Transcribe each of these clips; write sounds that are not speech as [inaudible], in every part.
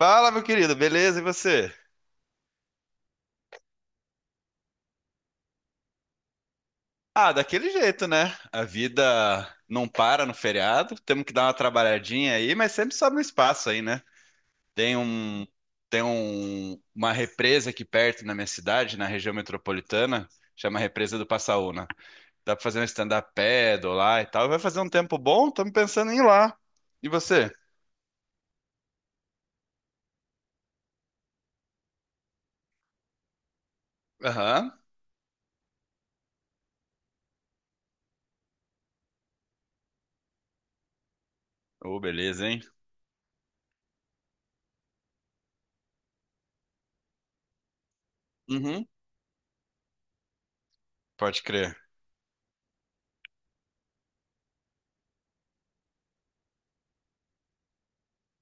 Fala, meu querido, beleza? E você? Ah, daquele jeito, né? A vida não para no feriado, temos que dar uma trabalhadinha aí, mas sempre sobra um espaço aí, né? Tem um, tem uma represa aqui perto na minha cidade, na região metropolitana, chama Represa do Passaúna. Dá pra fazer um stand-up paddle lá e tal. Vai fazer um tempo bom, estamos pensando em ir lá. E você? Aham. Oh, beleza, hein? Uhum. Pode crer.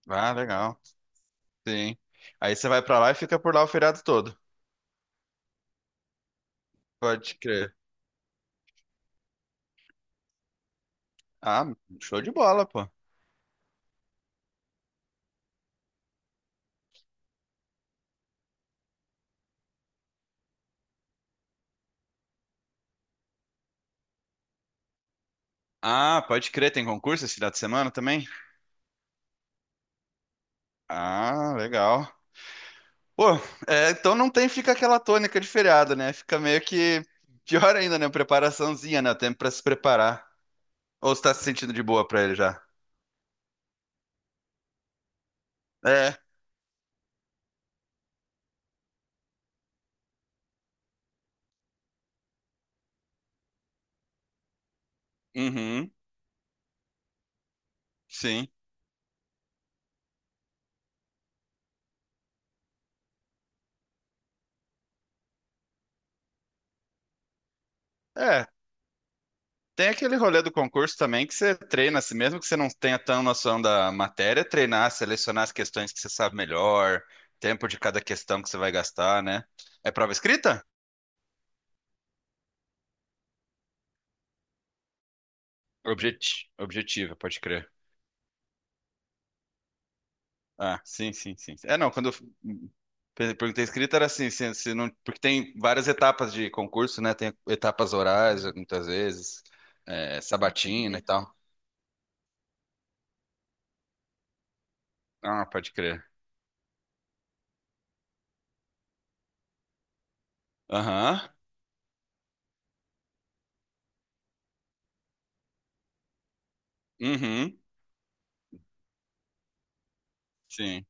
Ah, legal. Sim. Aí você vai pra lá e fica por lá o feriado todo. Pode crer. Ah, show de bola, pô. Ah, pode crer, tem concurso esse final de semana também? Ah, legal. Pô, é, então não tem, fica aquela tônica de feriado, né? Fica meio que pior ainda, né? Preparaçãozinha, né? Tempo pra se preparar. Ou você tá se sentindo de boa pra ele já? É. Uhum, sim. É, tem aquele rolê do concurso também que você treina, assim, mesmo que você não tenha tão noção da matéria, treinar, selecionar as questões que você sabe melhor, tempo de cada questão que você vai gastar, né? É prova escrita? Objetiva, pode crer. Ah, sim, sim, sim. É, não, quando eu perguntei escrita era assim, se não, porque tem várias etapas de concurso, né? Tem etapas orais, muitas vezes, é, sabatina e tal. Ah, pode crer. Aham. Uhum. Sim.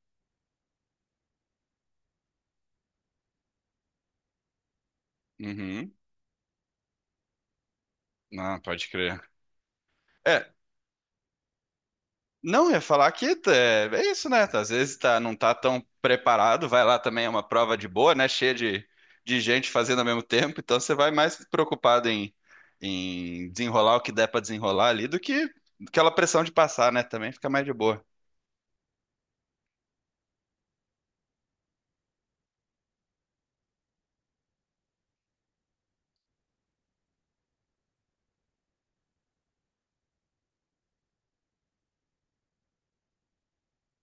Uhum. Não, pode crer. É, não, eu ia falar que é isso, né? Às vezes tá, não tá tão preparado, vai lá também, é uma prova de boa, né? Cheia de gente fazendo ao mesmo tempo, então você vai mais preocupado em desenrolar o que der pra desenrolar ali do que aquela pressão de passar, né? Também fica mais de boa.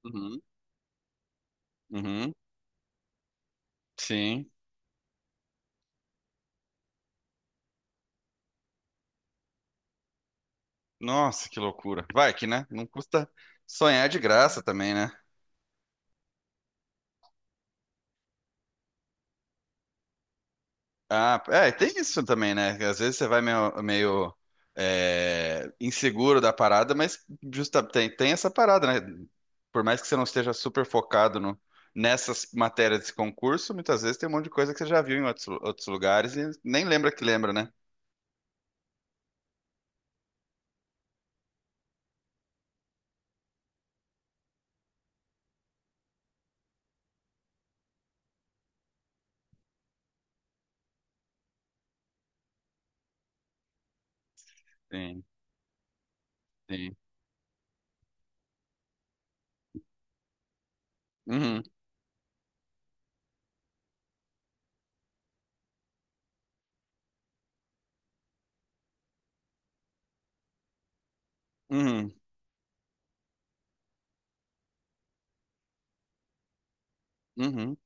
Uhum. Uhum, sim. Nossa, que loucura. Vai que, né? Não custa sonhar de graça também, né? Ah, é, tem isso também, né? Às vezes você vai meio, é, inseguro da parada, mas justa, tem essa parada, né? Por mais que você não esteja super focado no, nessas matérias desse concurso, muitas vezes tem um monte de coisa que você já viu em outros lugares e nem lembra que lembra, né? Sim, sim. Uhum, uhum, uhum.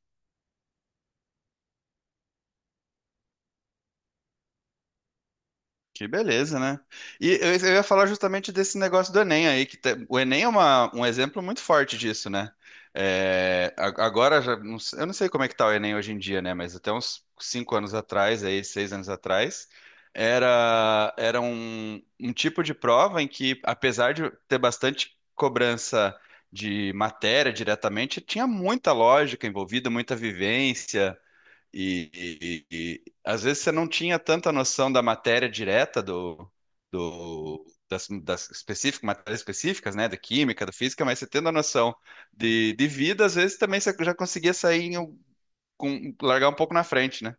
Que beleza, né? E eu ia falar justamente desse negócio do Enem aí, que tem- o Enem é uma- um exemplo muito forte disso, né? É, a- agora, já não sei- eu não sei como é que tá o Enem hoje em dia, né? Mas até uns cinco anos atrás, aí, seis anos atrás, era um, um tipo de prova em que, apesar de ter bastante cobrança de matéria diretamente, tinha muita lógica envolvida, muita vivência. E, Às vezes você não tinha tanta noção da matéria direta do, do das, das específicas, matérias específicas, né, da química, da física, mas você tendo a noção de vida, às vezes também você já conseguia sair em com, largar um pouco na frente, né?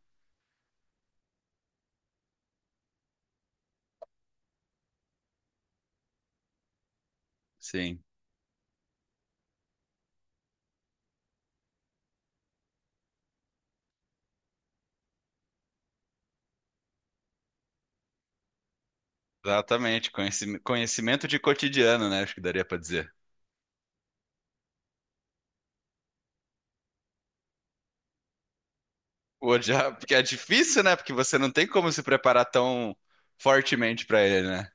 Sim, exatamente. Conhecimento de cotidiano, né? Acho que daria para dizer. Odiar, [laughs] porque é difícil, né? Porque você não tem como se preparar tão fortemente para ele, né?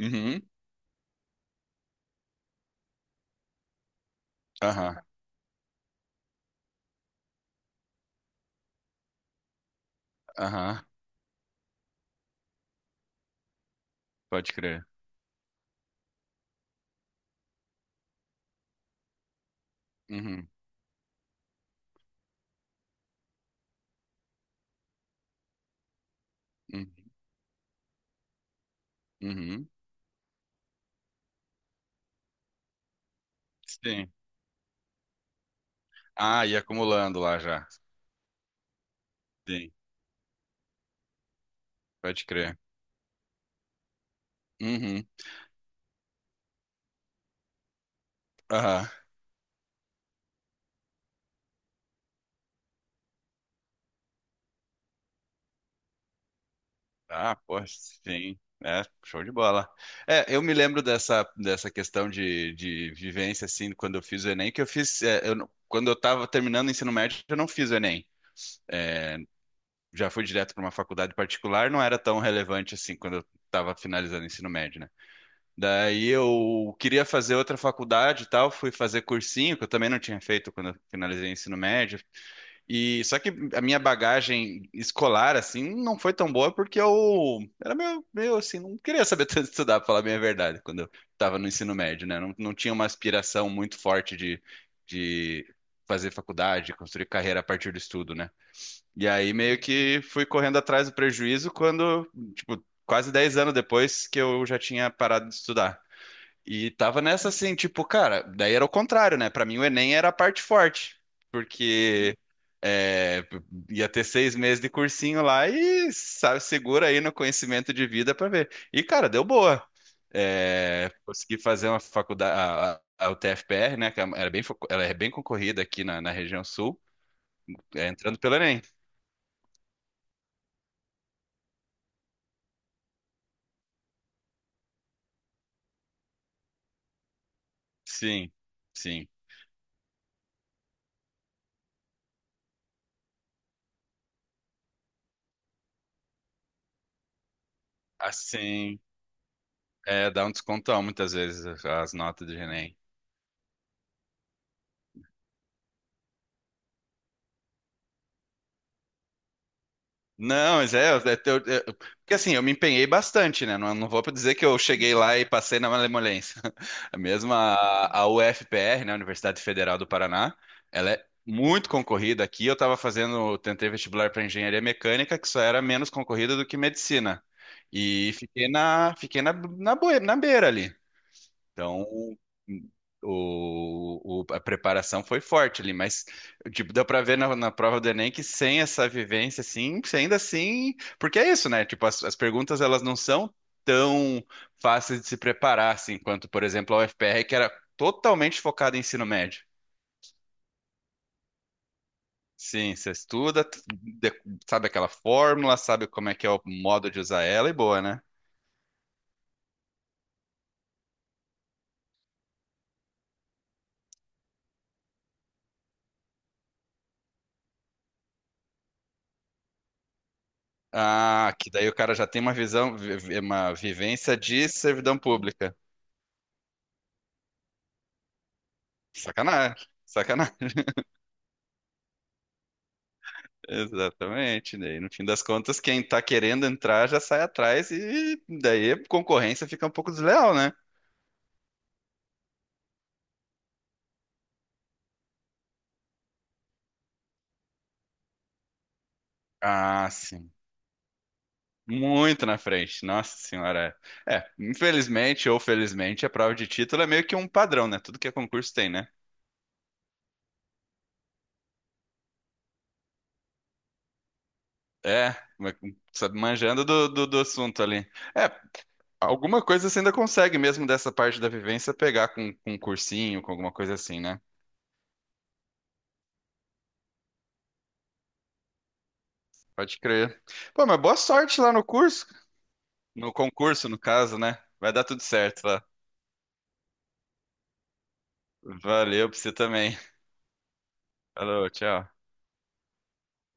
Uhum. Aham, aham, pode crer. Uhum, uhum, uhum. Sim. Ah, e acumulando lá já. Sim, pode crer. Uhum. Aham. Ah, pô, sim. É, show de bola. É, eu me lembro dessa questão de vivência, assim, quando eu fiz o Enem, que eu fiz. É, eu não- quando eu tava terminando o ensino médio, eu não fiz o Enem. É, já fui direto para uma faculdade particular, não era tão relevante assim quando eu estava finalizando o ensino médio, né? Daí eu queria fazer outra faculdade e tal, fui fazer cursinho, que eu também não tinha feito quando eu finalizei o ensino médio. E só que a minha bagagem escolar, assim, não foi tão boa porque eu era meio assim, não queria saber [laughs] tanto estudar, pra falar bem a verdade, quando eu estava no ensino médio, né? Não tinha uma aspiração muito forte de fazer faculdade, construir carreira a partir do estudo, né? E aí meio que fui correndo atrás do prejuízo quando, tipo, quase 10 anos depois que eu já tinha parado de estudar. E tava nessa assim, tipo, cara, daí era o contrário, né? Pra mim o Enem era a parte forte, porque é, ia ter 6 meses de cursinho lá e, sabe, segura aí no conhecimento de vida pra ver. E, cara, deu boa. É, consegui fazer uma faculdade, a UTFPR, né? Que era bem, fo- ela é bem concorrida aqui na região sul, é, entrando pelo Enem. Sim, sim. Assim, é, dá um descontão muitas vezes as notas do Enem. Não, mas é, porque assim, eu me empenhei bastante, né? Não vou dizer que eu cheguei lá e passei na malemolência. [laughs] Mesmo a UFPR, né, Universidade Federal do Paraná, ela é muito concorrida aqui. Eu estava fazendo, tentei vestibular para engenharia mecânica, que só era menos concorrida do que medicina. E fiquei na, na, boi- na beira ali. Então, a preparação foi forte ali, mas tipo, deu para ver na prova do Enem que sem essa vivência, assim, você ainda assim, porque é isso, né? Tipo, as perguntas elas não são tão fáceis de se preparar, assim, quanto, por exemplo, a UFPR, que era totalmente focada em ensino médio. Sim, você estuda, sabe aquela fórmula, sabe como é que é o modo de usar ela e boa, né? Ah, que daí o cara já tem uma visão, uma vivência de servidão pública. Sacanagem. [laughs] Exatamente. Daí, no fim das contas, quem tá querendo entrar já sai atrás e daí a concorrência fica um pouco desleal, né? Ah, sim. Muito na frente, nossa senhora. É, infelizmente ou felizmente, a prova de título é meio que um padrão, né? Tudo que é concurso tem, né? É, mas, sabe, manjando do assunto ali. É, alguma coisa você ainda consegue mesmo dessa parte da vivência pegar com um cursinho, com alguma coisa assim, né? Pode crer. Pô, mas boa sorte lá no curso. No concurso, no caso, né? Vai dar tudo certo lá. Valeu pra você também. Falou, tchau.